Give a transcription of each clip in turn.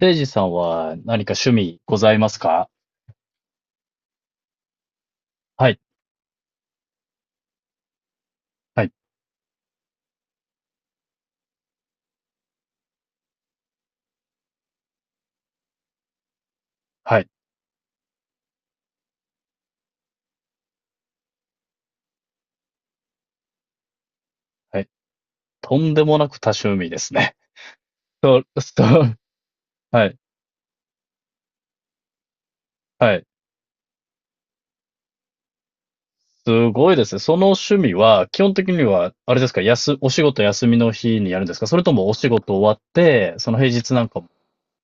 せいじさんは何か趣味ございますか？はい、はい、はい、はい。とんでもなく多趣味ですね。そう、そう、はい、はい。すごいですね。その趣味は、基本的には、あれですか？お仕事休みの日にやるんですか？それともお仕事終わって、その平日なんかも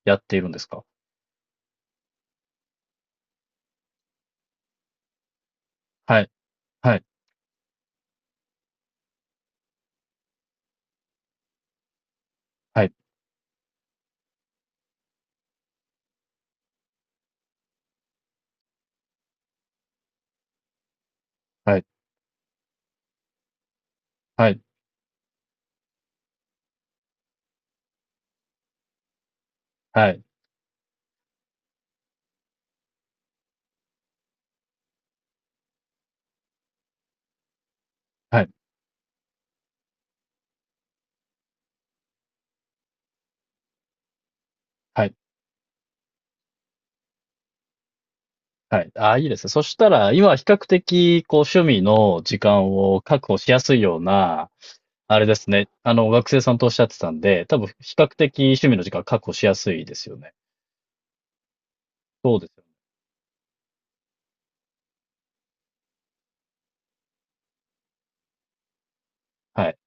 やっているんですか？はい、はい、はい、はい、はい、はい、はい、はい、はい。ああ、いいですね。そしたら、今は比較的、こう、趣味の時間を確保しやすいような、あれですね。学生さんとおっしゃってたんで、多分比較的趣味の時間確保しやすいですよね。そうですよね。はい。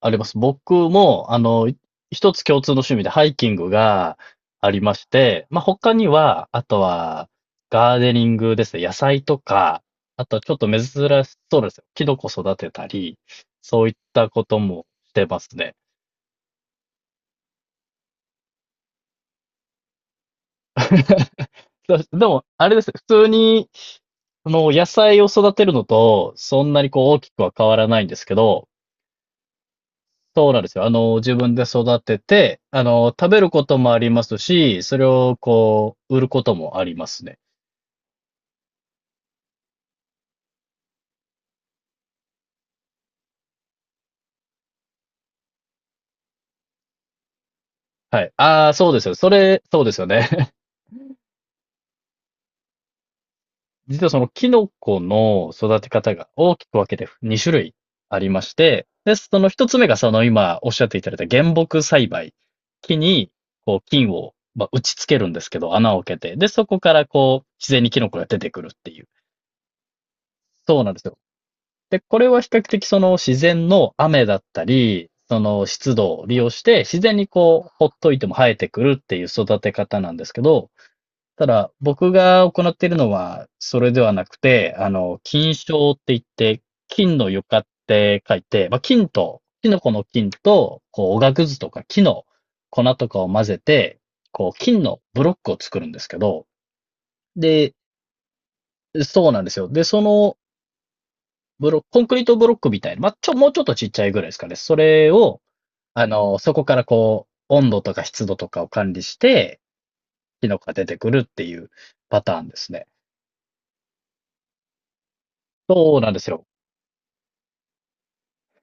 あります。僕も、一つ共通の趣味でハイキングがありまして、まあ、他には、あとは、ガーデニングですね。野菜とか、あとはちょっと珍しそうですよ。キノコ育てたり、そういったこともしてますね。そうでも、あれですね。普通に、野菜を育てるのと、そんなにこう大きくは変わらないんですけど、そうなんですよ。自分で育てて、食べることもありますし、それをこう、売ることもありますね。はい。ああ、そうですよ。それ、そうですよね。実はそのキノコの育て方が大きく分けて2種類ありまして、で、その1つ目がその今おっしゃっていただいた原木栽培。木に、こう、菌を、まあ、打ち付けるんですけど、穴を開けて、で、そこからこう、自然にキノコが出てくるっていう。そうなんですよ。で、これは比較的その自然の雨だったり、その湿度を利用して自然にこう、ほっといても生えてくるっていう育て方なんですけど、ただ僕が行っているのはそれではなくて、菌床って言って、菌の床って書いて、まあ、菌と、キノコの菌と、こう、おがくずとか木の粉とかを混ぜて、こう、菌のブロックを作るんですけど、で、そうなんですよ。で、そのコンクリートブロックみたいな、まあ、もうちょっとちっちゃいぐらいですかね。それを、そこからこう、温度とか湿度とかを管理して、キノコが出てくるっていうパターンですね。そうなんですよ。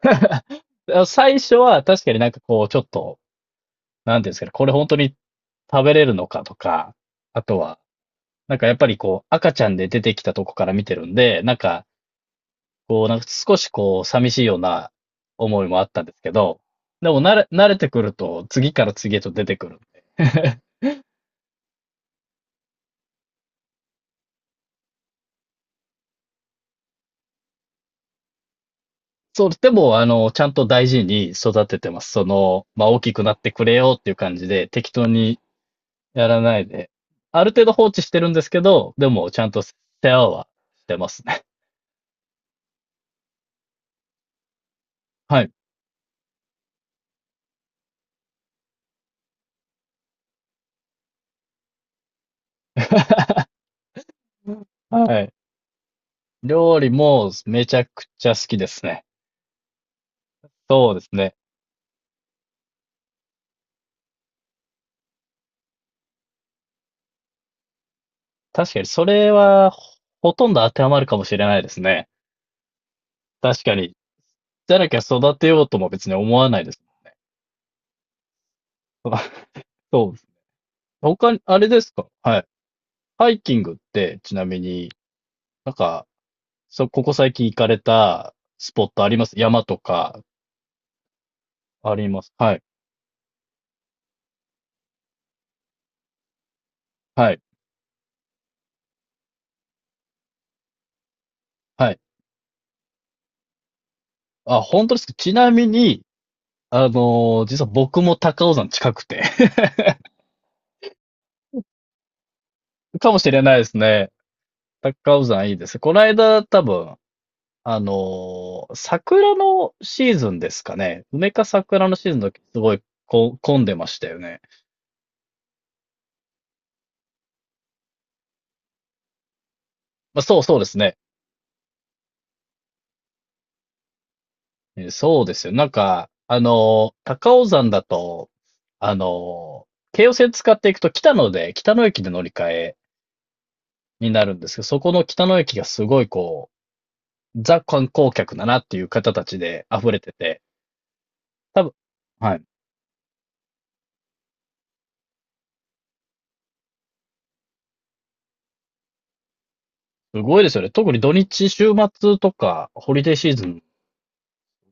最初は確かになんかこう、ちょっと、なんていうんですかね、これ本当に食べれるのかとか、あとは、なんかやっぱりこう、赤ちゃんで出てきたとこから見てるんで、なんか、こう、なんか少しこう、寂しいような思いもあったんですけど、でも慣れてくると、次から次へと出てくるんで。そう、でも、ちゃんと大事に育ててます。まあ、大きくなってくれよっていう感じで、適当にやらないで、ある程度放置してるんですけど、でも、ちゃんと世話はしてますね。はい。はい。料理もめちゃくちゃ好きですね。そうですね。確かに、それは、ほとんど当てはまるかもしれないですね。確かに、じゃなきゃ育てようとも別に思わないです。そうです。他に、あれですか？はい。ハイキングって、ちなみに、なんか、ここ最近行かれたスポットあります？山とか。あります？はい。はい。はい。あ、本当ですか？ちなみに、実は僕も高尾山近くて かもしれないですね。高尾山いいです。この間多分、桜のシーズンですかね。梅か桜のシーズンの時、すごいこう混んでましたよね。まあ、そうそうですね。そうですよ。なんか、高尾山だと、あの京葉線使っていくと北野で、北野駅で乗り換えになるんですけど、そこの北野駅がすごいこう、ザ観光客だなっていう方たちで溢れてて、多分はい。すごいですよね。特に土日、週末とか、ホリデーシーズン、す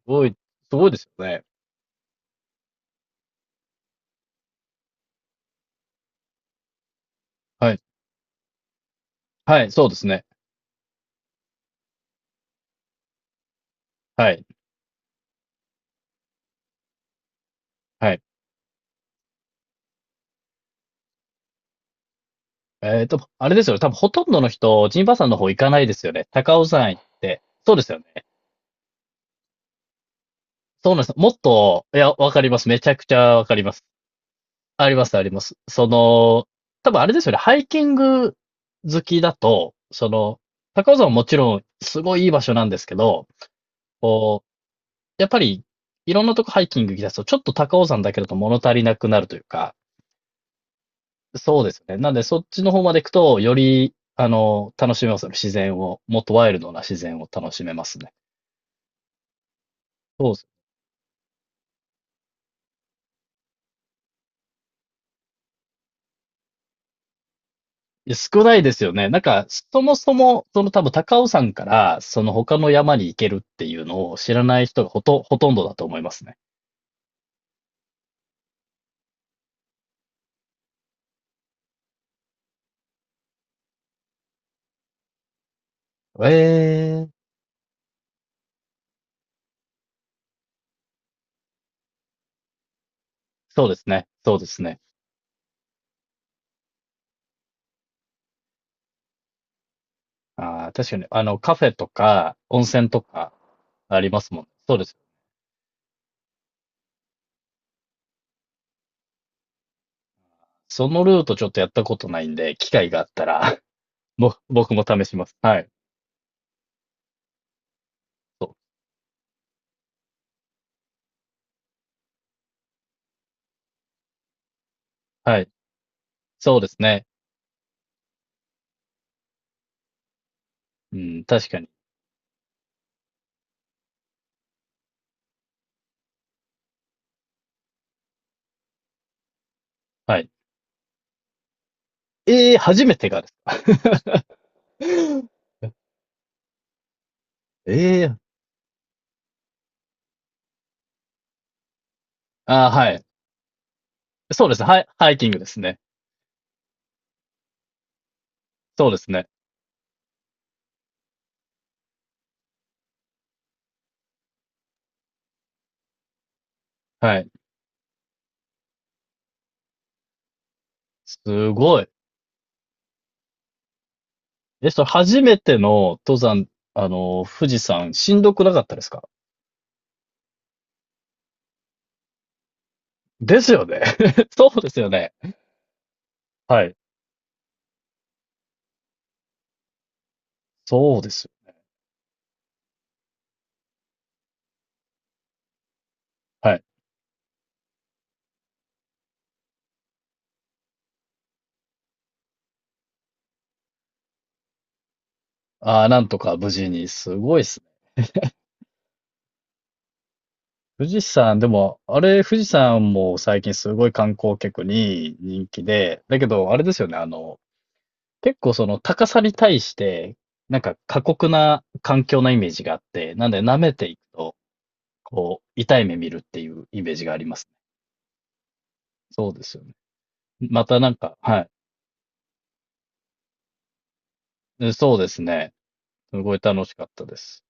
ごい、すごいですよね。はい。はい、そうですね。はい、はい。あれですよね、多分ほとんどの人、陣馬山の方行かないですよね。高尾山行って。そうですよね。そうなんです。もっと、いや、わかります。めちゃくちゃわかります。あります、あります。多分あれですよね。ハイキング好きだと、高尾山ももちろんすごいいい場所なんですけど、こう、やっぱりいろんなとこハイキング行き出すと、ちょっと高尾山だけだと物足りなくなるというか、そうですよね。なんでそっちの方まで行くと、より、楽しめますよね。自然を、もっとワイルドな自然を楽しめますね。そうですね。いや、少ないですよね。なんか、そもそも、その多分高尾山から、その他の山に行けるっていうのを知らない人がほとんどだと思いますね。ええ、そうですね。そうですね。ああ、確かに、カフェとか、温泉とか、ありますもんね。そうです。そのルートちょっとやったことないんで、機会があったら 僕も試します。はい。そう。はい。そうですね。うん、確かに。はい。ええ、初めてがですか？ ええ、ああ、はい。そうですね。ハイキングですね。そうですね。はい。すごい。え、それ初めての登山、富士山、しんどくなかったですか？ですよね。そうですよね。はい。そうですよ。はい。ああ、なんとか無事に。すごいですね。富士山、でも、あれ、富士山も最近すごい観光客に人気で、だけど、あれですよね、結構その高さに対して、なんか過酷な環境なイメージがあって、なんで舐めていくと、こう、痛い目見るっていうイメージがありますね。そうですよね。またなんか、はい。そうですね。すごい楽しかったです。